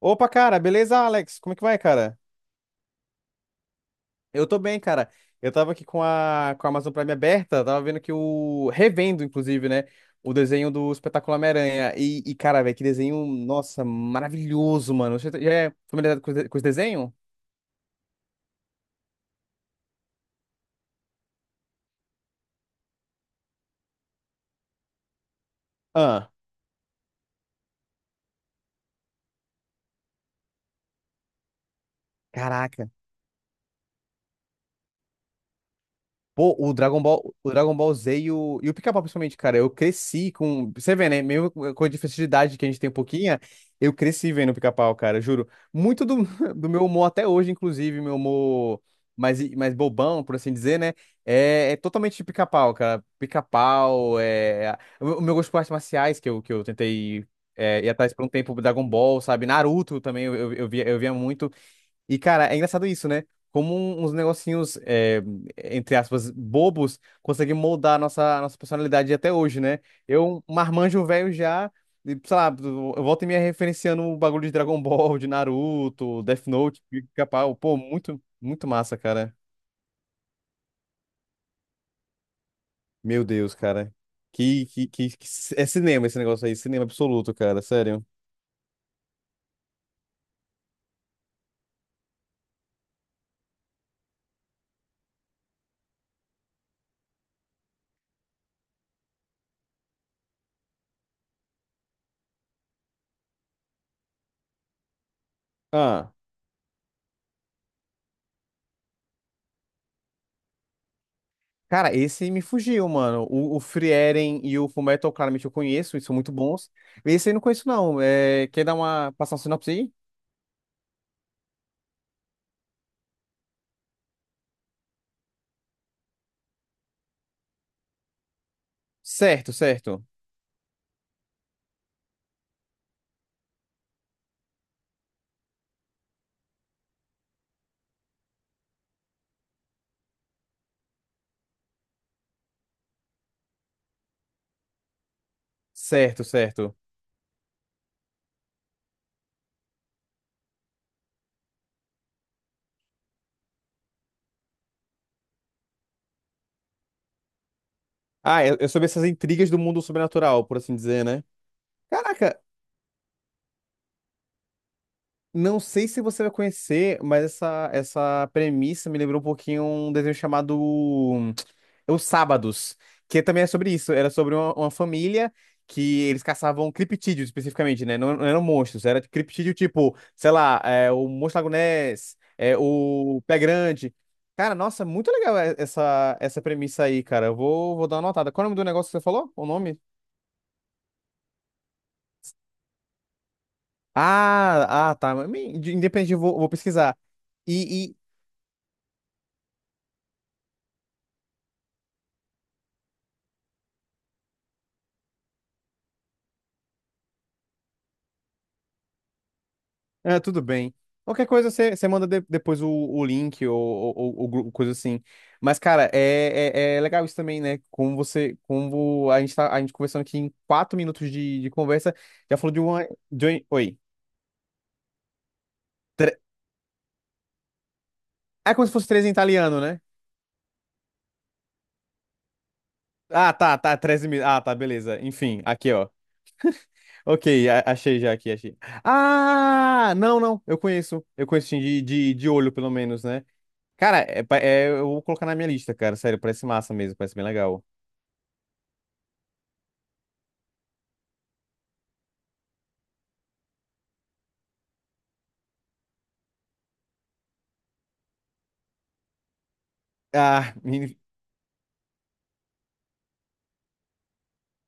Opa, cara, beleza, Alex? Como é que vai, cara? Eu tô bem, cara. Eu tava aqui com a Amazon Prime aberta, tava vendo que o. revendo, inclusive, né? O desenho do Espetáculo Homem-Aranha. E, cara, velho, que desenho, nossa, maravilhoso, mano. Você já é familiarizado com com esse desenho? Ah, caraca. Pô, o Dragon Ball Z e o Pica-Pau, principalmente, cara, eu cresci com. Você vê, né? Mesmo com a diferença de idade que a gente tem um pouquinho, eu cresci vendo o Pica-Pau, cara, juro. Muito do, do meu humor até hoje, inclusive, meu humor mais bobão, por assim dizer, né? É, totalmente de Pica-Pau, cara. Pica-Pau, é. O, meu gosto por artes marciais, que eu tentei ir atrás por um tempo, Dragon Ball, sabe? Naruto também, eu via muito. E, cara, é engraçado isso, né? Como uns negocinhos, entre aspas, bobos, conseguem moldar a nossa personalidade até hoje, né? Eu, um marmanjo velho já, e, sei lá, eu volto e me referenciando o bagulho de Dragon Ball, de Naruto, Death Note, pica-pau. Pô, muito, muito massa, cara. Meu Deus, cara. Que, que, que, que- É cinema esse negócio aí, cinema absoluto, cara, sério. Ah. Cara, esse me fugiu, mano. O Frieren e o Fullmetal, claramente eu conheço, eles são muito bons. Esse aí eu não conheço, não. É, quer passar uma sinopse aí? Certo, certo. Certo, certo. Ah, é sobre essas intrigas do mundo sobrenatural, por assim dizer, né? Caraca, não sei se você vai conhecer, mas essa premissa me lembrou um pouquinho um desenho chamado Os Sábados, que também é sobre isso. Era sobre uma família que eles caçavam criptídeos especificamente, né? Não, não eram monstros, era criptídeo tipo, sei lá, o Monstro Lago Ness, o Pé Grande. Cara, nossa, muito legal essa premissa aí, cara. Eu vou dar uma notada. Qual é o nome do negócio que você falou? O nome? Ah, ah, tá. Mas, independente, eu vou pesquisar. E, tudo bem. Qualquer coisa você manda depois o link ou coisa assim. Mas, cara, é legal isso também, né? Como a gente conversando aqui em 4 minutos de conversa, já falou de uma, de um- oi. Tre- É como se fosse três em italiano, né? Ah, tá, tá, 13 mil. Ah, tá, beleza. Enfim, aqui, ó. Ok, achei já aqui, achei. Ah, não, não, eu conheço. Eu conheço sim, de olho, pelo menos, né? Cara, eu vou colocar na minha lista, cara. Sério, parece massa mesmo, parece bem legal. Ah,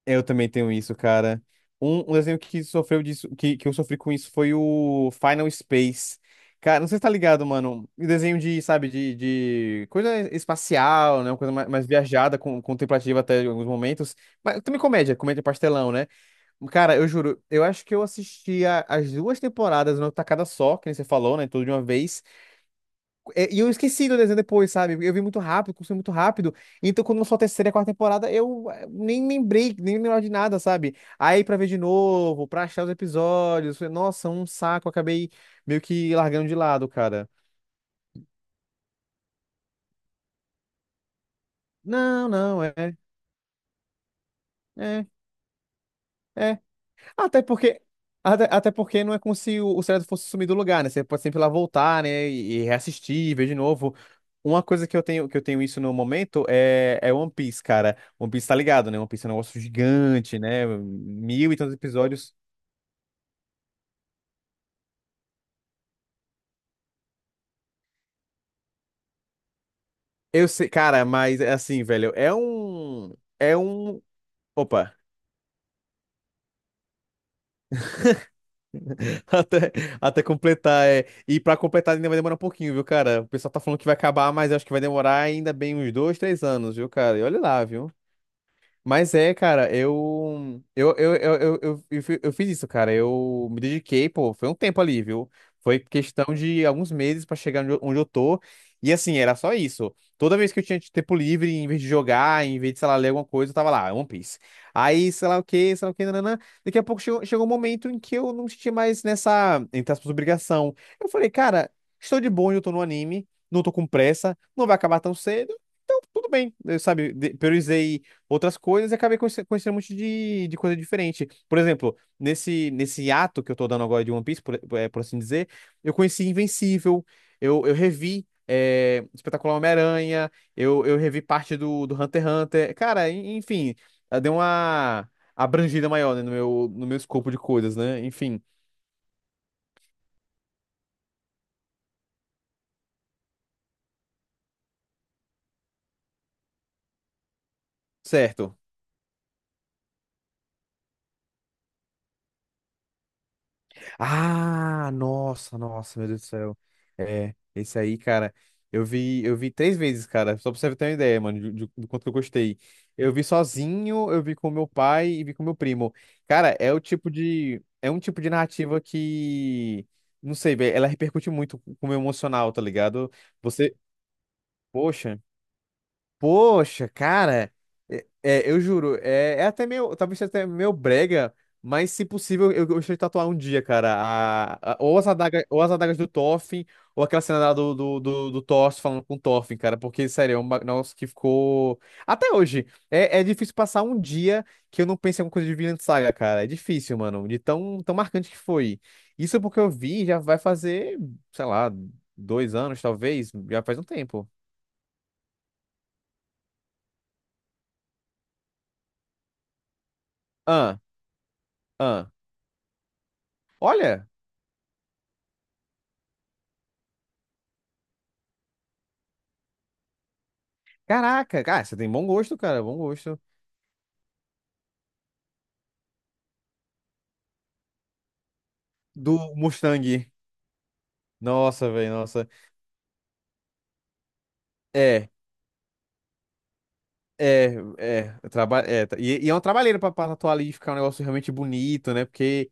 eu também tenho isso, cara. Um desenho que sofreu disso, que eu sofri com isso foi o Final Space. Cara, não sei se tá ligado, mano. Um desenho de, sabe, de coisa espacial, né? Uma coisa mais viajada, contemplativa até em alguns momentos. Mas também comédia, comédia pastelão, né? Cara, eu juro, eu acho que eu assisti as duas temporadas numa tacada só, que nem você falou, né? Tudo de uma vez. E eu esqueci do desenho depois, sabe? Eu vi muito rápido, consumi muito rápido. Então, quando lançou a terceira e a quarta temporada, nem lembrei, nem lembrava de nada, sabe? Aí, pra ver de novo, pra achar os episódios, foi, nossa, um saco, acabei meio que largando de lado, cara. Não, não, é. É, é. Até porque, até porque não é como se o seriado fosse sumir do lugar, né? Você pode sempre ir lá voltar, né? E, reassistir, ver de novo. Uma coisa que eu tenho isso no momento é One Piece, cara. One Piece tá ligado, né? One Piece é um negócio gigante, né? Mil e tantos episódios. Eu sei, cara, mas é assim, velho, é um. É um. Opa, até, até completar, é. E pra completar ainda vai demorar um pouquinho, viu, cara? O pessoal tá falando que vai acabar, mas eu acho que vai demorar ainda bem uns 2, 3 anos, viu, cara? E olha lá, viu? Mas é, cara, eu fiz isso, cara. Eu me dediquei, pô, foi um tempo ali, viu? Foi questão de alguns meses pra chegar onde eu tô. E assim, era só isso. Toda vez que eu tinha tempo livre, em vez de jogar, em vez de, sei lá, ler alguma coisa, eu tava lá, One Piece. Aí, sei lá o quê, sei lá o quê, nananã. Daqui a pouco chegou um momento em que eu não senti mais nessa, entre aspas, obrigação. Eu falei, cara, estou de bom eu tô no anime, não tô com pressa, não vai acabar tão cedo. Então, tudo bem, eu, sabe, priorizei outras coisas e acabei conhecendo um monte de coisa diferente. Por exemplo, nesse ato que eu tô dando agora de One Piece, por assim dizer, eu conheci Invencível, eu revi Espetacular Homem-Aranha, eu revi parte do Hunter x Hunter. Cara, enfim, deu uma abrangida maior, né, no meu escopo de coisas, né? Enfim, certo. Ah, nossa, nossa, meu Deus do céu. É, esse aí, cara, eu vi 3 vezes, cara, só pra você ter uma ideia, mano, do quanto que eu gostei. Eu vi sozinho, eu vi com meu pai e vi com meu primo. Cara, é um tipo de narrativa que, não sei, velho, ela repercute muito com o meu emocional, tá ligado? Você, poxa. Poxa, cara, eu juro, é até meio, talvez seja até meio brega, mas se possível eu gostaria de tatuar um dia, cara, ou as adagas do Thorfinn, ou aquela cena lá do Thor falando com o Thorfinn, cara, porque, sério, é um negócio que ficou... Até hoje, é difícil passar um dia que eu não pense em alguma coisa de Vinland Saga, cara, é difícil, mano, de tão, tão marcante que foi. Isso é porque eu vi, já vai fazer, sei lá, 2 anos, talvez, já faz um tempo. Ah, ah. Olha... Caraca, cara, você tem bom gosto, cara, bom gosto. Do Mustang. Nossa, velho, nossa. É, é, é. Eu Traba é tá- E é uma trabalheira pra tatuar ali e ficar um negócio realmente bonito, né? Porque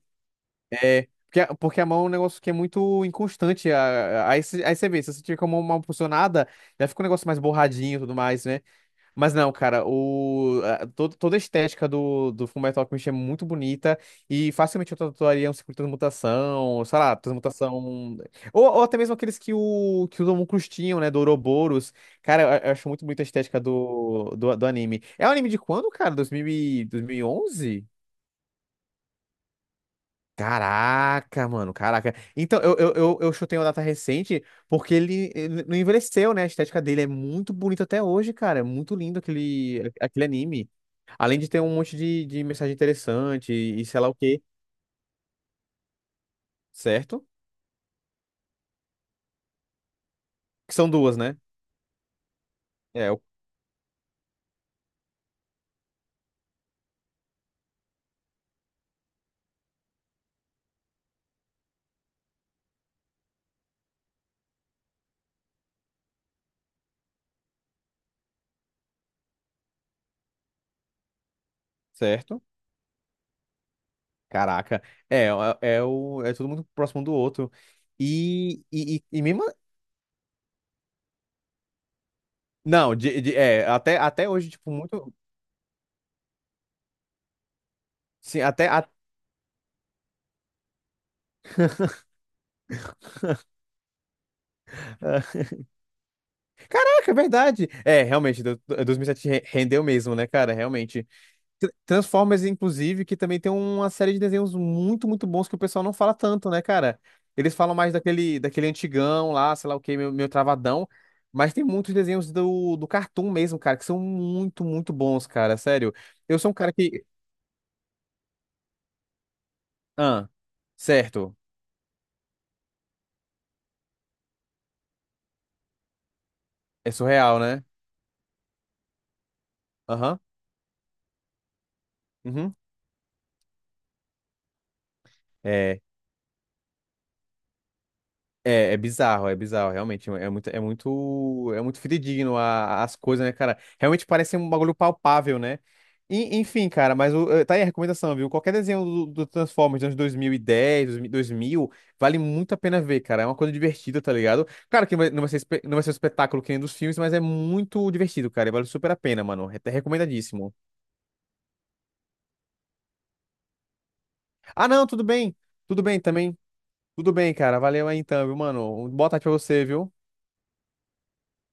é. Porque a mão é um negócio que é muito inconstante. Aí, você vê, se você tiver com a mão mal posicionada, já fica um negócio mais borradinho e tudo mais, né? Mas não, cara, toda a estética do Fullmetal Alchemist é muito bonita e facilmente eu tatuaria um ciclo de transmutação, sei lá, transmutação. Ou até mesmo aqueles que os homúnculos tinham, né, do Ouroboros. Cara, eu acho muito bonita a estética do anime. É um anime de quando, cara? 2000, 2011. Caraca, mano, caraca. Então, eu chutei uma data recente porque ele não envelheceu, né? A estética dele é muito bonita até hoje, cara. É muito lindo aquele anime. Além de ter um monte de mensagem interessante e sei lá o quê, certo? Que são duas, né? É, certo? Caraca. É, é tudo muito próximo um do outro. E mesmo. Não, até hoje, tipo, muito. Sim, até. Caraca, é verdade. É, realmente, 2007 rendeu mesmo, né, cara? Realmente. Transformers, inclusive, que também tem uma série de desenhos muito, muito bons que o pessoal não fala tanto, né, cara? Eles falam mais daquele antigão lá, sei lá o que meu travadão. Mas tem muitos desenhos do Cartoon mesmo, cara, que são muito, muito bons, cara. Sério. Eu sou um cara que. Ah, certo. É surreal, né? Aham. Uhum. É, É, é bizarro, realmente. É muito, é muito, é muito fidedigno as coisas, né, cara? Realmente parece um bagulho palpável, né? Enfim, cara, mas tá aí a recomendação, viu? Qualquer desenho do Transformers dos anos 2010, vale muito a pena ver, cara. É uma coisa divertida, tá ligado? Claro que não vai ser um espetáculo que nem dos filmes, mas é muito divertido, cara. E vale super a pena, mano. É recomendadíssimo. Ah, não, tudo bem. Tudo bem também. Tudo bem, cara. Valeu aí então, viu, mano? Boa tarde pra você, viu?